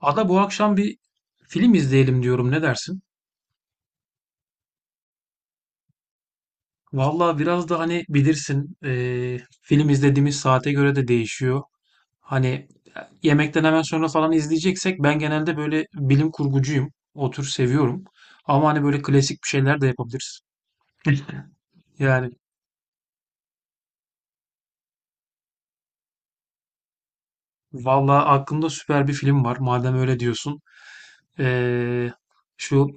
Ada bu akşam bir film izleyelim diyorum. Ne dersin? Vallahi biraz da hani bilirsin film izlediğimiz saate göre de değişiyor. Hani yemekten hemen sonra falan izleyeceksek ben genelde böyle bilim kurgucuyum. O tür seviyorum. Ama hani böyle klasik bir şeyler de yapabiliriz. Yani vallahi aklımda süper bir film var. Madem öyle diyorsun. Eee, şu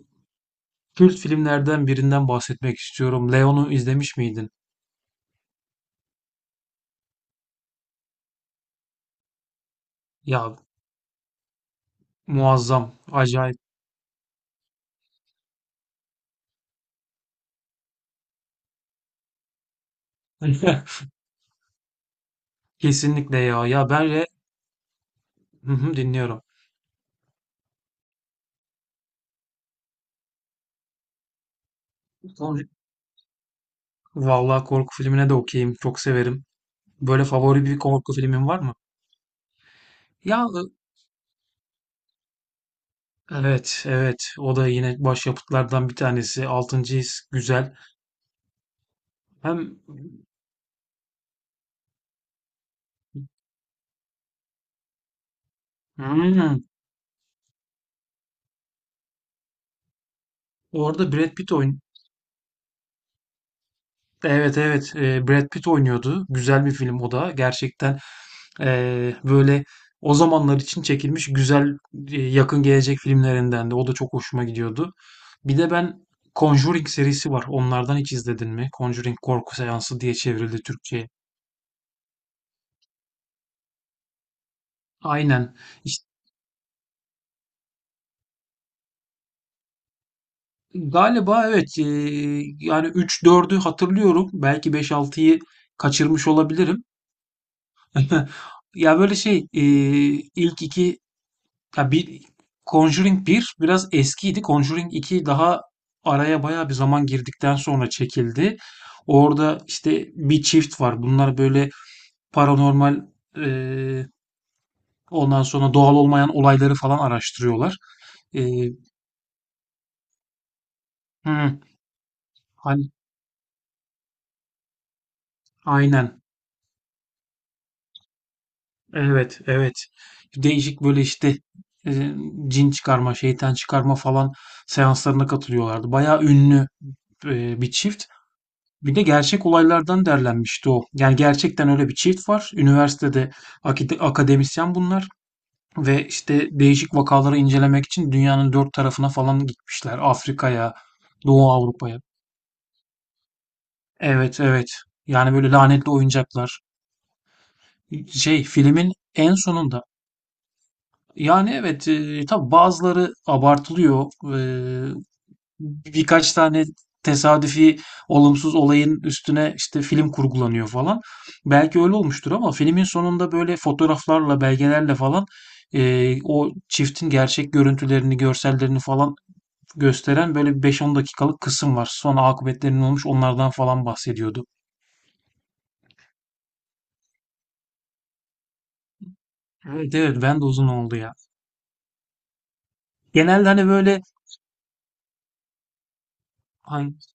kült filmlerden birinden bahsetmek istiyorum. Leon'u izlemiş miydin? Ya muazzam, acayip. Kesinlikle ya. Hı hı, dinliyorum. Son- Vallahi korku filmine de okeyim. Çok severim. Böyle favori bir korku filmin var mı? Ya evet, evet. O da yine başyapıtlardan bir tanesi. Altıncı His güzel. Hem Hmm, orada Brad Pitt oyun. Evet evet. Brad Pitt oynuyordu. Güzel bir film o da. Gerçekten böyle o zamanlar için çekilmiş güzel yakın gelecek filmlerinden de. O da çok hoşuma gidiyordu. Bir de ben Conjuring serisi var. Onlardan hiç izledin mi? Conjuring korku seansı diye çevrildi Türkçe'ye. Aynen. İşte galiba evet. Yani üç dördü hatırlıyorum. Belki beş altıyı kaçırmış olabilirim. Ya böyle şey ilk iki ya bir Conjuring 1 biraz eskiydi. Conjuring iki daha araya bayağı bir zaman girdikten sonra çekildi. Orada işte bir çift var. Bunlar böyle paranormal eee Ondan sonra doğal olmayan olayları falan araştırıyorlar. Ee, hı, hani, aynen. Evet, evet. Değişik böyle işte e, cin çıkarma, şeytan çıkarma falan seanslarına katılıyorlardı. Bayağı ünlü bir çift. Bir de gerçek olaylardan derlenmişti o. Yani gerçekten öyle bir çift var. Üniversitede akademisyen bunlar. Ve işte değişik vakaları incelemek için dünyanın dört tarafına falan gitmişler. Afrika'ya, Doğu Avrupa'ya. Evet, evet. Yani böyle lanetli oyuncaklar. Şey filmin en sonunda. Yani evet tabii bazıları abartılıyor. Birkaç tane tesadüfi olumsuz olayın üstüne işte film kurgulanıyor falan. Belki öyle olmuştur ama filmin sonunda böyle fotoğraflarla, belgelerle falan o çiftin gerçek görüntülerini, görsellerini falan gösteren böyle bir 5-10 dakikalık kısım var. Sonra akıbetlerinin olmuş onlardan falan bahsediyordu. Evet evet ben de uzun oldu ya. Genelde hani böyle hangi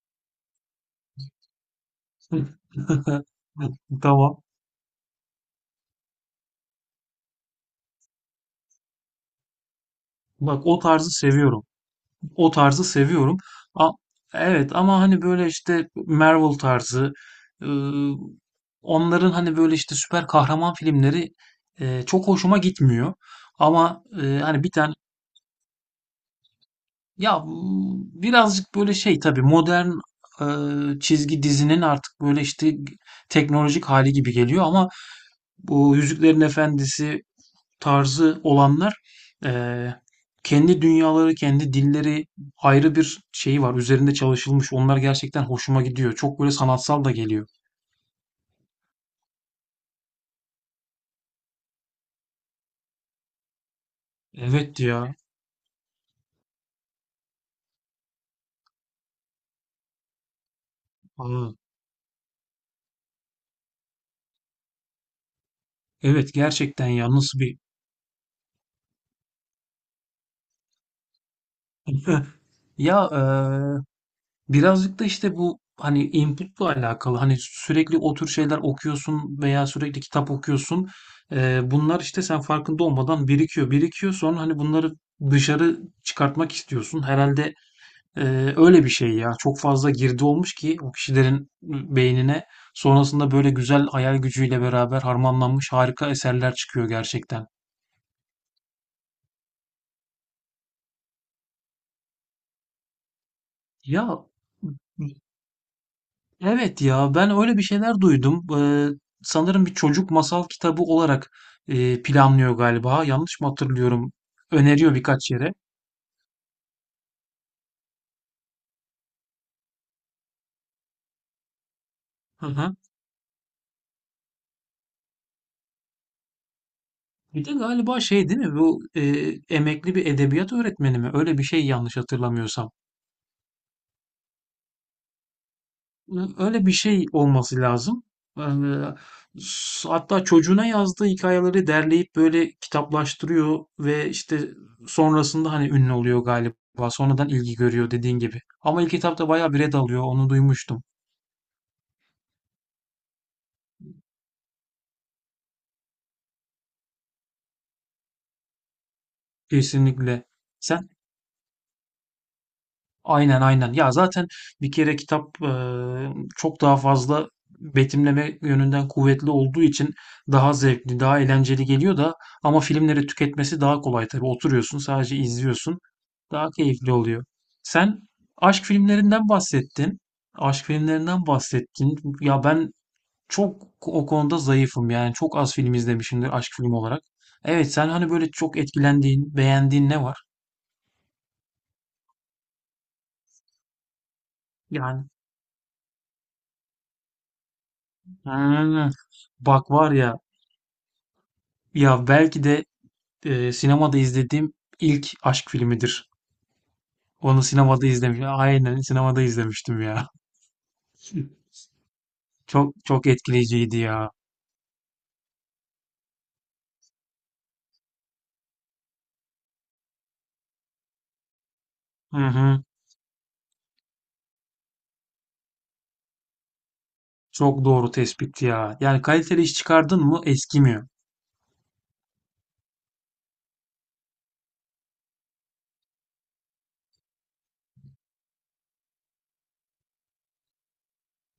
Tamam. Bak o tarzı seviyorum. O tarzı seviyorum. A- evet ama hani böyle işte Marvel tarzı, ıı, onların hani böyle işte süper kahraman filmleri çok hoşuma gitmiyor. Ama hani bir tane, ya bu birazcık böyle şey tabii, modern çizgi dizinin artık böyle işte teknolojik hali gibi geliyor ama bu Yüzüklerin Efendisi tarzı olanlar, eee, kendi dünyaları, kendi dilleri, ayrı bir şeyi var. Üzerinde çalışılmış. Onlar gerçekten hoşuma gidiyor. Çok böyle sanatsal da geliyor. Evet ya. Aa, evet gerçekten ya. Nasıl bir ya, birazcık da işte bu hani inputla alakalı, hani sürekli o tür şeyler okuyorsun veya sürekli kitap okuyorsun. Bunlar işte sen farkında olmadan birikiyor birikiyor, sonra hani bunları dışarı çıkartmak istiyorsun. Herhalde. Öyle bir şey ya. Çok fazla girdi olmuş ki o kişilerin beynine, sonrasında böyle güzel hayal gücüyle beraber harmanlanmış harika eserler çıkıyor gerçekten. Ya evet ya, ben öyle bir şeyler duydum. Sanırım bir çocuk masal kitabı olarak planlıyor galiba. Yanlış mı hatırlıyorum? Öneriyor birkaç yere. Hı hı. Bir de galiba şey değil mi? Bu emekli bir edebiyat öğretmeni mi? Öyle bir şey, yanlış hatırlamıyorsam. Öyle bir şey olması lazım. Yani, hatta çocuğuna yazdığı hikayeleri derleyip böyle kitaplaştırıyor ve işte sonrasında hani ünlü oluyor galiba. Sonradan ilgi görüyor dediğin gibi. Ama ilk etapta bayağı bir red alıyor. Onu duymuştum. Kesinlikle. Sen Aynen aynen. Ya zaten bir kere kitap çok daha fazla betimleme yönünden kuvvetli olduğu için daha zevkli, daha eğlenceli geliyor da, ama filmleri tüketmesi daha kolay tabii. Oturuyorsun, sadece izliyorsun. Daha keyifli oluyor. Sen aşk filmlerinden bahsettin. Aşk filmlerinden bahsettin. Ya ben çok o konuda zayıfım yani. Çok az film izlemişimdir aşk filmi olarak. Evet, sen hani böyle çok etkilendiğin, beğendiğin ne var? Yani, hmm, bak var ya. Ya belki de sinemada izlediğim ilk aşk filmidir. Onu sinemada izlemiştim. Aynen sinemada izlemiştim ya. Çok çok etkileyiciydi ya. Hı hı. Çok doğru tespit ya. Yani kaliteli iş çıkardın mı eskimiyor.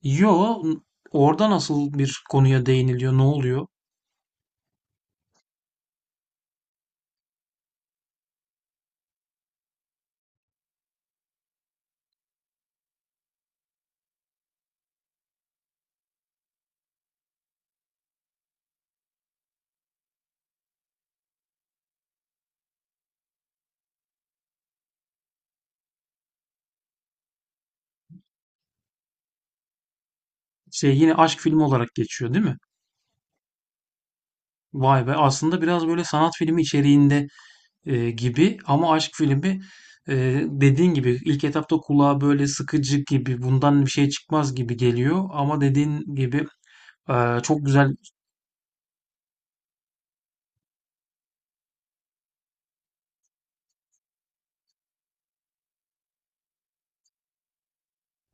Yo, orada nasıl bir konuya değiniliyor? Ne oluyor? Şey, yine aşk filmi olarak geçiyor değil mi? Vay be, aslında biraz böyle sanat filmi içeriğinde gibi ama aşk filmi, e, dediğin gibi ilk etapta kulağa böyle sıkıcı gibi, bundan bir şey çıkmaz gibi geliyor ama dediğin gibi çok güzel,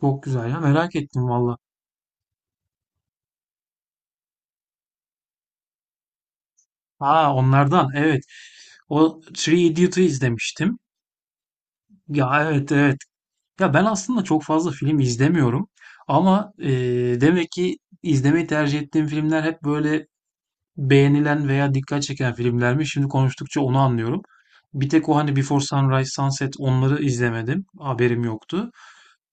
çok güzel ya, merak ettim valla. Ha, onlardan evet, o Three Idiot'u izlemiştim. Ya evet evet, ya ben aslında çok fazla film izlemiyorum ama demek ki izlemeyi tercih ettiğim filmler hep böyle beğenilen veya dikkat çeken filmler mi? Şimdi konuştukça onu anlıyorum. Bir tek o hani Before Sunrise, Sunset, onları izlemedim. Haberim yoktu.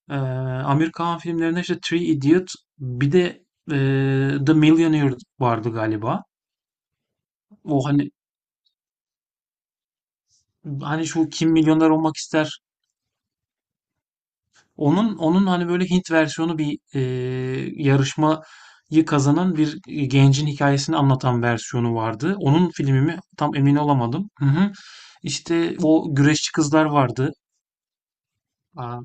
Ee, Amir Khan filmlerinde işte Three Idiot, bir de e, The Millionaire vardı galiba. O hani şu Kim Milyoner Olmak ister Onun hani böyle Hint versiyonu, bir yarışmayı kazanan bir gencin hikayesini anlatan versiyonu vardı. Onun filmi mi? Tam emin olamadım. Hı hı. İşte o güreşçi kızlar vardı. Aa,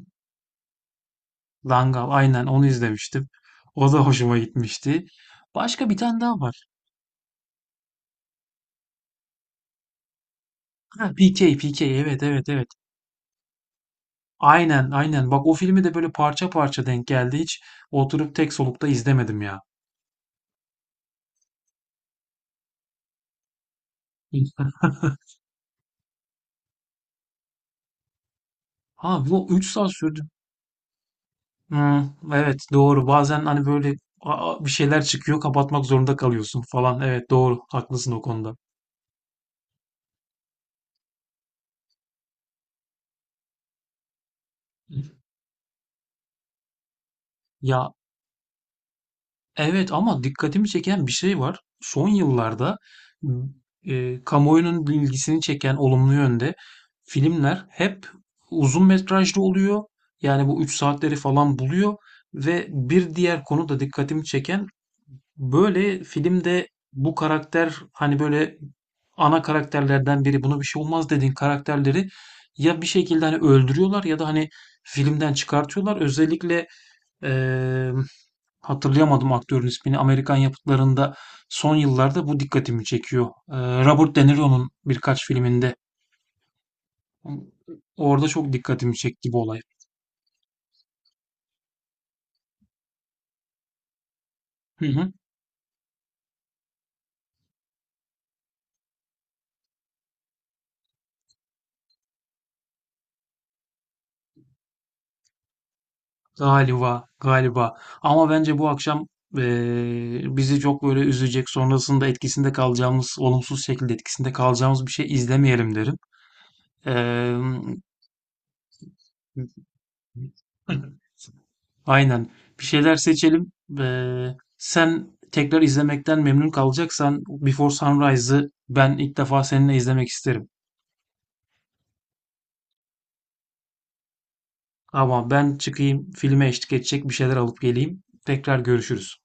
Dangal, aynen onu izlemiştim. O da hoşuma gitmişti. Başka bir tane daha var. Ha, PK, PK, evet evet evet. Aynen aynen. Bak, o filmi de böyle parça parça denk geldi. Hiç oturup tek solukta izlemedim ya. Ha, bu 3 saat sürdü. Hmm, evet doğru. Bazen hani böyle bir şeyler çıkıyor, kapatmak zorunda kalıyorsun falan. Evet doğru. Haklısın o konuda. Ya evet, ama dikkatimi çeken bir şey var. Son yıllarda m, kamuoyunun ilgisini çeken olumlu yönde filmler hep uzun metrajlı oluyor. Yani bu 3 saatleri falan buluyor. Ve bir diğer konu da dikkatimi çeken, böyle filmde bu karakter, hani böyle ana karakterlerden biri, buna bir şey olmaz dediğin karakterleri ya bir şekilde hani öldürüyorlar ya da hani filmden çıkartıyorlar. Özellikle, eee, hatırlayamadım aktörün ismini. Amerikan yapıtlarında son yıllarda bu dikkatimi çekiyor. Robert De Niro'nun birkaç filminde orada çok dikkatimi çekti bu olay. Hı hı. Galiba, galiba. Ama bence bu akşam bizi çok böyle üzecek, sonrasında etkisinde kalacağımız, olumsuz şekilde etkisinde kalacağımız bir şey izlemeyelim derim. Eee, aynen. Bir şeyler seçelim. Sen tekrar izlemekten memnun kalacaksan Before Sunrise'ı ben ilk defa seninle izlemek isterim. Ama ben çıkayım, filme eşlik edecek bir şeyler alıp geleyim. Tekrar görüşürüz.